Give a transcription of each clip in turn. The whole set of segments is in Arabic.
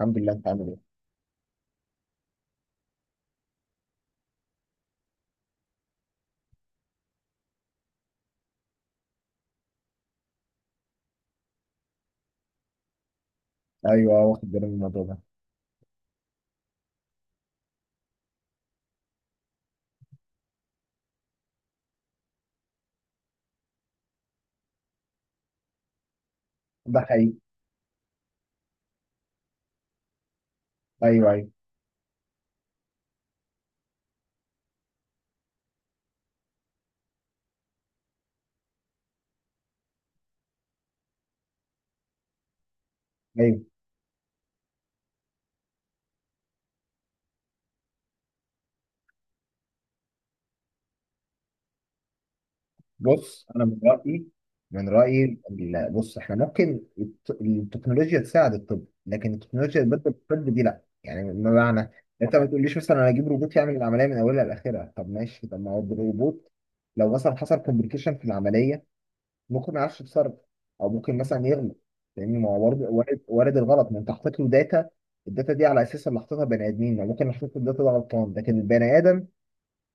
الحمد لله. انت عامل ايه؟ ايوه، واخد بالي من الموضوع ده. ده حقيقي. ايوه، ايوه، ايوه. بص، انا من رايي، من رايي بص احنا ممكن التكنولوجيا تساعد الطب، لكن التكنولوجيا تبدل الطب دي لا، يعني بمعنى انت ما تقوليش مثلا انا اجيب روبوت يعمل العمليه من اولها لاخرها. طب ماشي، طب ما هو الروبوت لو مثلا حصل كومبليكيشن في العمليه، ممكن ما يعرفش يتصرف، او ممكن مثلا يغلط، لان ما هو برضه وارد وارد الغلط. ما انت حطيت له داتا، الداتا دي على اساس اللي حاططها بني ادمين، ما ممكن احط الداتا ده غلطان، لكن البني ادم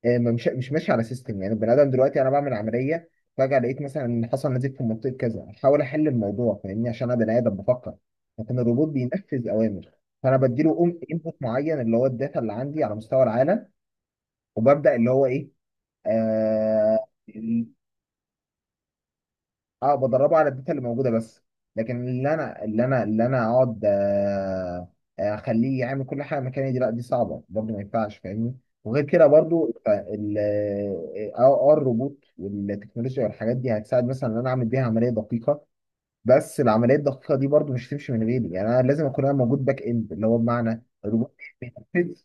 ما مش ماشي على سيستم. يعني البني ادم دلوقتي انا بعمل عمليه، فجاه لقيت مثلا ان حصل نزيف في منطقه كذا، احاول احل الموضوع، فاهمني، عشان انا بني ادم بفكر، لكن الروبوت بينفذ اوامر. فانا بديله انبوت معين، اللي هو الداتا اللي عندي على مستوى العالم، وببدا اللي هو ايه. آه اه بدربه على الداتا اللي موجوده بس. لكن اللي انا اقعد اخليه يعمل كل حاجه مكاني، دي لا، دي صعبه برضه، ما ينفعش، فاهمني. وغير كده برضه ال اه آه، آه، الروبوت والتكنولوجيا والحاجات دي هتساعد مثلا ان انا اعمل بيها عمليه دقيقه، بس العمليه الدقيقه دي برضه مش هتمشي من غيري. يعني انا لازم اكون انا موجود باك اند، اللي هو بمعنى الروبوت بينفذ.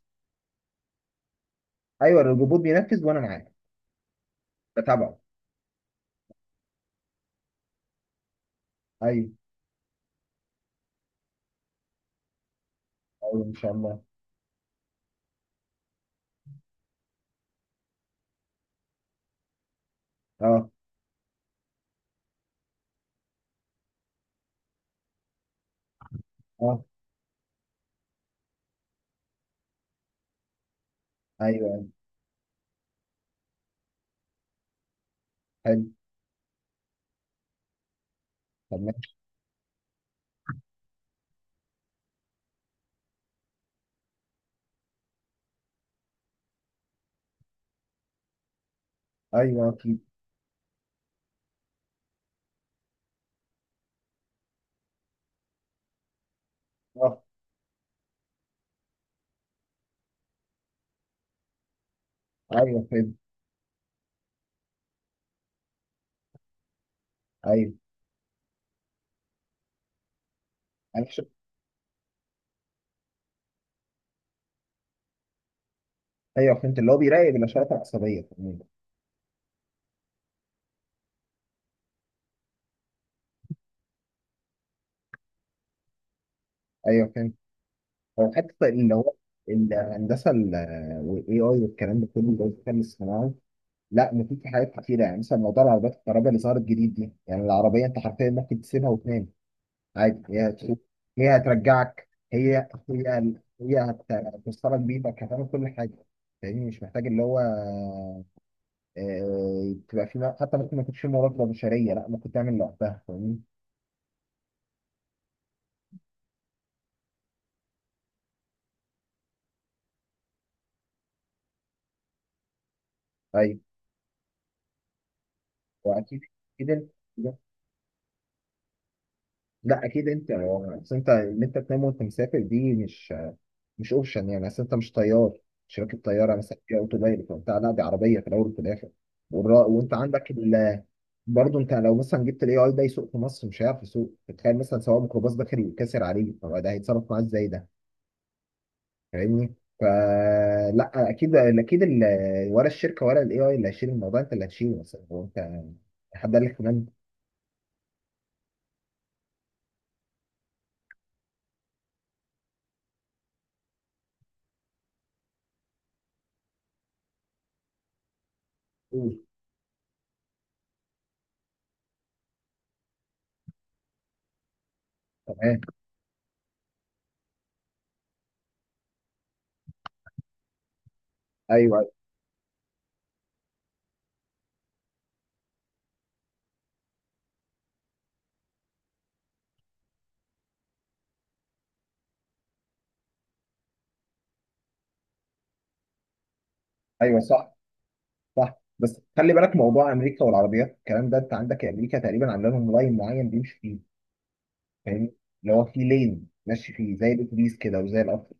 ايوه، الروبوت بينفذ وانا معاه بتابعه. ايوه، ايوه، ان شاء الله. اه، اه، ايوه. حلو. طب ماشي. ايوه، اكيد. اه. ايوه، فهمت. ايوه، انا ش... ايوه، فهمت، اللي هو بيراقب الاشارات العصبيه عموماً. ايوه، فهمت. هو حتى اللي هو الهندسه ال- والاي اي والكلام ده كله، اللي هو الذكاء الاصطناعي، لا مفيد في حاجات كتيره. يعني مثلا موضوع العربيات الكهرباء اللي ظهرت جديد دي، يعني العربيه انت حرفيا ممكن تسيبها وتنام عادي، هي هتسوق، هي هترجعك، هتوصلك بيتك، هتعمل كل حاجه. فاهمني، مش محتاج اللي هو تبقى في، حتى ممكن ما يكونش في مراقبه بشريه، لا ممكن تعمل لوحدها، فاهمني. ايوه. واكيد، اكيد انت. لا، اكيد انت هو. اصل انت ان انت تنام وانت مسافر، دي مش، مش اوبشن. يعني اصل انت مش طيار، مش راكب طياره مثلا في اوتو بايلوت وبتاع. لا، دي عربيه في الاول وفي الاخر، وانت عندك ال... برضه انت لو مثلا جبت الاي اي ده يسوق في مصر، مش هيعرف يسوق. تخيل مثلا سواق ميكروباص داخل يتكسر عليه، طب ده هيتصرف معاه ازاي ده؟ فاهمني. فلا، اكيد، اكيد ال... ولا الشركه ولا الاي اي اللي هيشيل الموضوع، انت اللي هتشيله. مثلا هو انت، حد قال لك؟ تمام. قول. تمام. ايوه، ايوه. أيوه، صح، صح. بس خلي بالك، موضوع امريكا والعربيات الكلام ده، انت عندك امريكا تقريبا عامله لهم لاين معين بيمشي فيه. فاهمني، اللي هو فيه لين ماشي فيه زي الاتوبيس كده وزي القطر.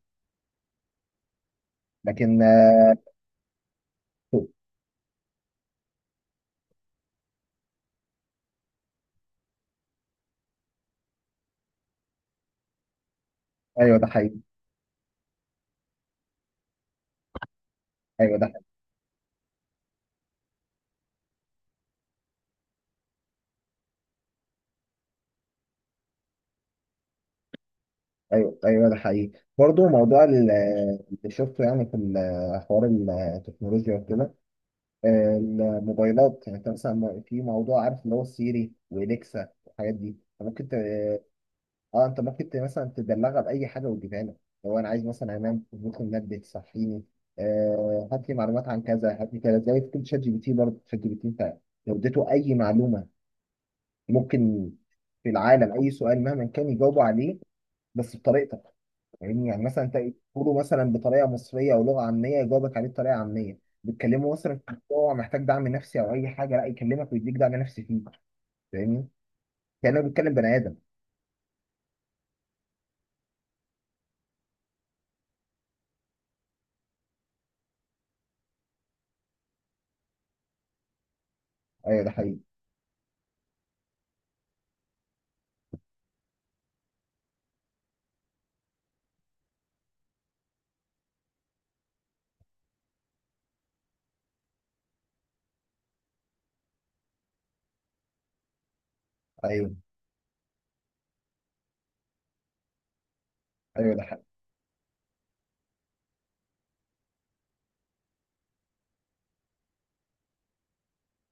لكن ايوه، ده حقيقي. ايوه، ده حقيقي. ايوه، ايوه، ده حقيقي. برضه موضوع اللي شفته، يعني في حوار التكنولوجيا وكده، الموبايلات. يعني انت مثلا في موضوع، عارف اللي هو سيري واليكسا والحاجات دي، ممكن اه، انت ممكن مثلا تدلعها باي حاجه وتجيبها لك. لو انا عايز مثلا انام، ممكن نبدا تصحيني. آه، هات لي معلومات عن كذا، هات لي كذا، زي في كل شات جي بي تي. برضه شات جي بي تي انت لو اديته اي معلومه، ممكن في العالم اي سؤال مهما كان يجاوبه عليه، بس بطريقتك. يعني, مثلا انت تقوله مثلا بطريقه مصريه او لغه عاميه، يجاوبك عليه بطريقه عاميه. بتكلمه مثلا في موضوع محتاج دعم نفسي او اي حاجه، لا يكلمك ويديك دعم نفسي فيه، فاهمني، كانه بيتكلم بني ادم. ايوه، ده حقيقي. ايوه، ايوه، ده حقيقي.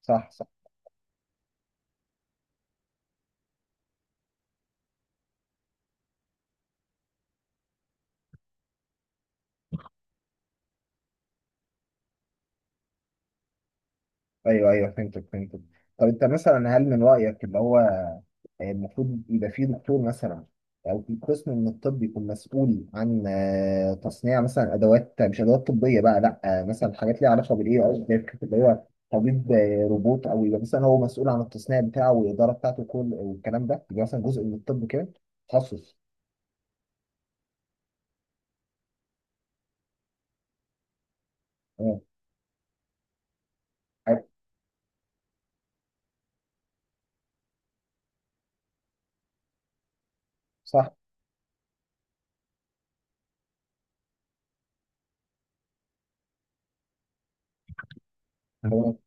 صح. ايوه، ايوه، فهمتك، فهمتك. طب انت مثلا هل من رايك اللي هو المفروض يبقى فيه دكتور مثلا، او في قسم من الطب يكون مسؤول عن تصنيع مثلا ادوات، مش ادوات طبيه بقى، لا مثلا حاجات ليها علاقه بالاي او اللي هو طبيب روبوت، او يبقى مثلا هو مسؤول عن التصنيع بتاعه والاداره بتاعته وكل والكلام ده، يبقى مثلا جزء من الطب كده، تخصص. تمام. حلو. صح. تمام.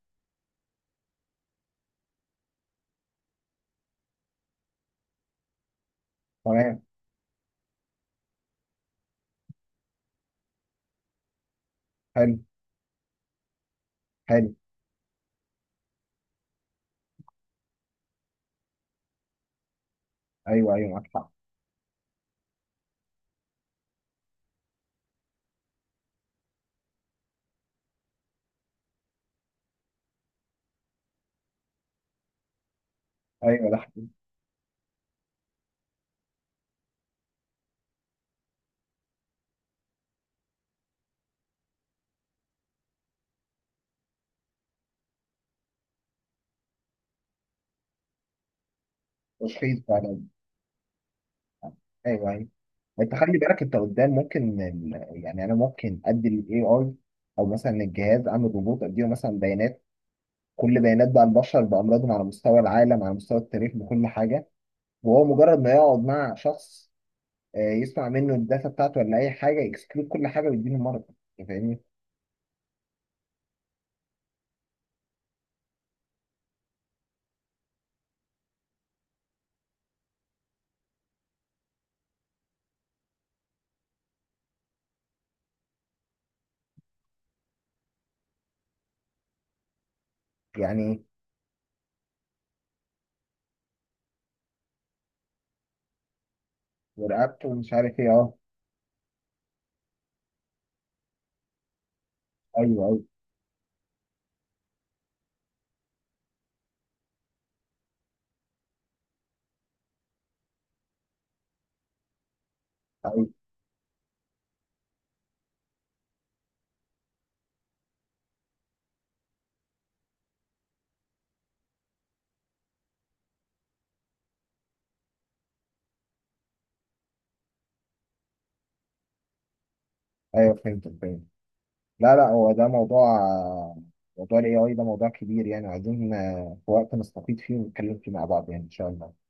تمام. حلو. حلو. ايوه، ايوه، معاك حق. ايوه، ده تشخيص فعلا. ايوه، ايوه. انت خلي بالك، انت قدام ممكن يعني انا ممكن ادي الاي اي، او مثلا الجهاز، اعمل روبوت اديله مثلا بيانات، كل بيانات بقى البشر بامراضهم على مستوى العالم، على مستوى التاريخ، بكل حاجه، وهو مجرد ما يقعد مع شخص، يسمع منه الداتا بتاعته ولا اي حاجه، يكسكلود كل حاجه ويديله المرض، انت فاهمني. يعني ورقبته ومش عارف ايه، اه، ايوه، ايوه. ايوه، ايوه، فهمت، فهمت. لا، لا، هو ده موضوع، الاي اي ده موضوع كبير. يعني عايزين في وقت نستفيد فيه ونتكلم فيه مع بعض، يعني ان شاء الله.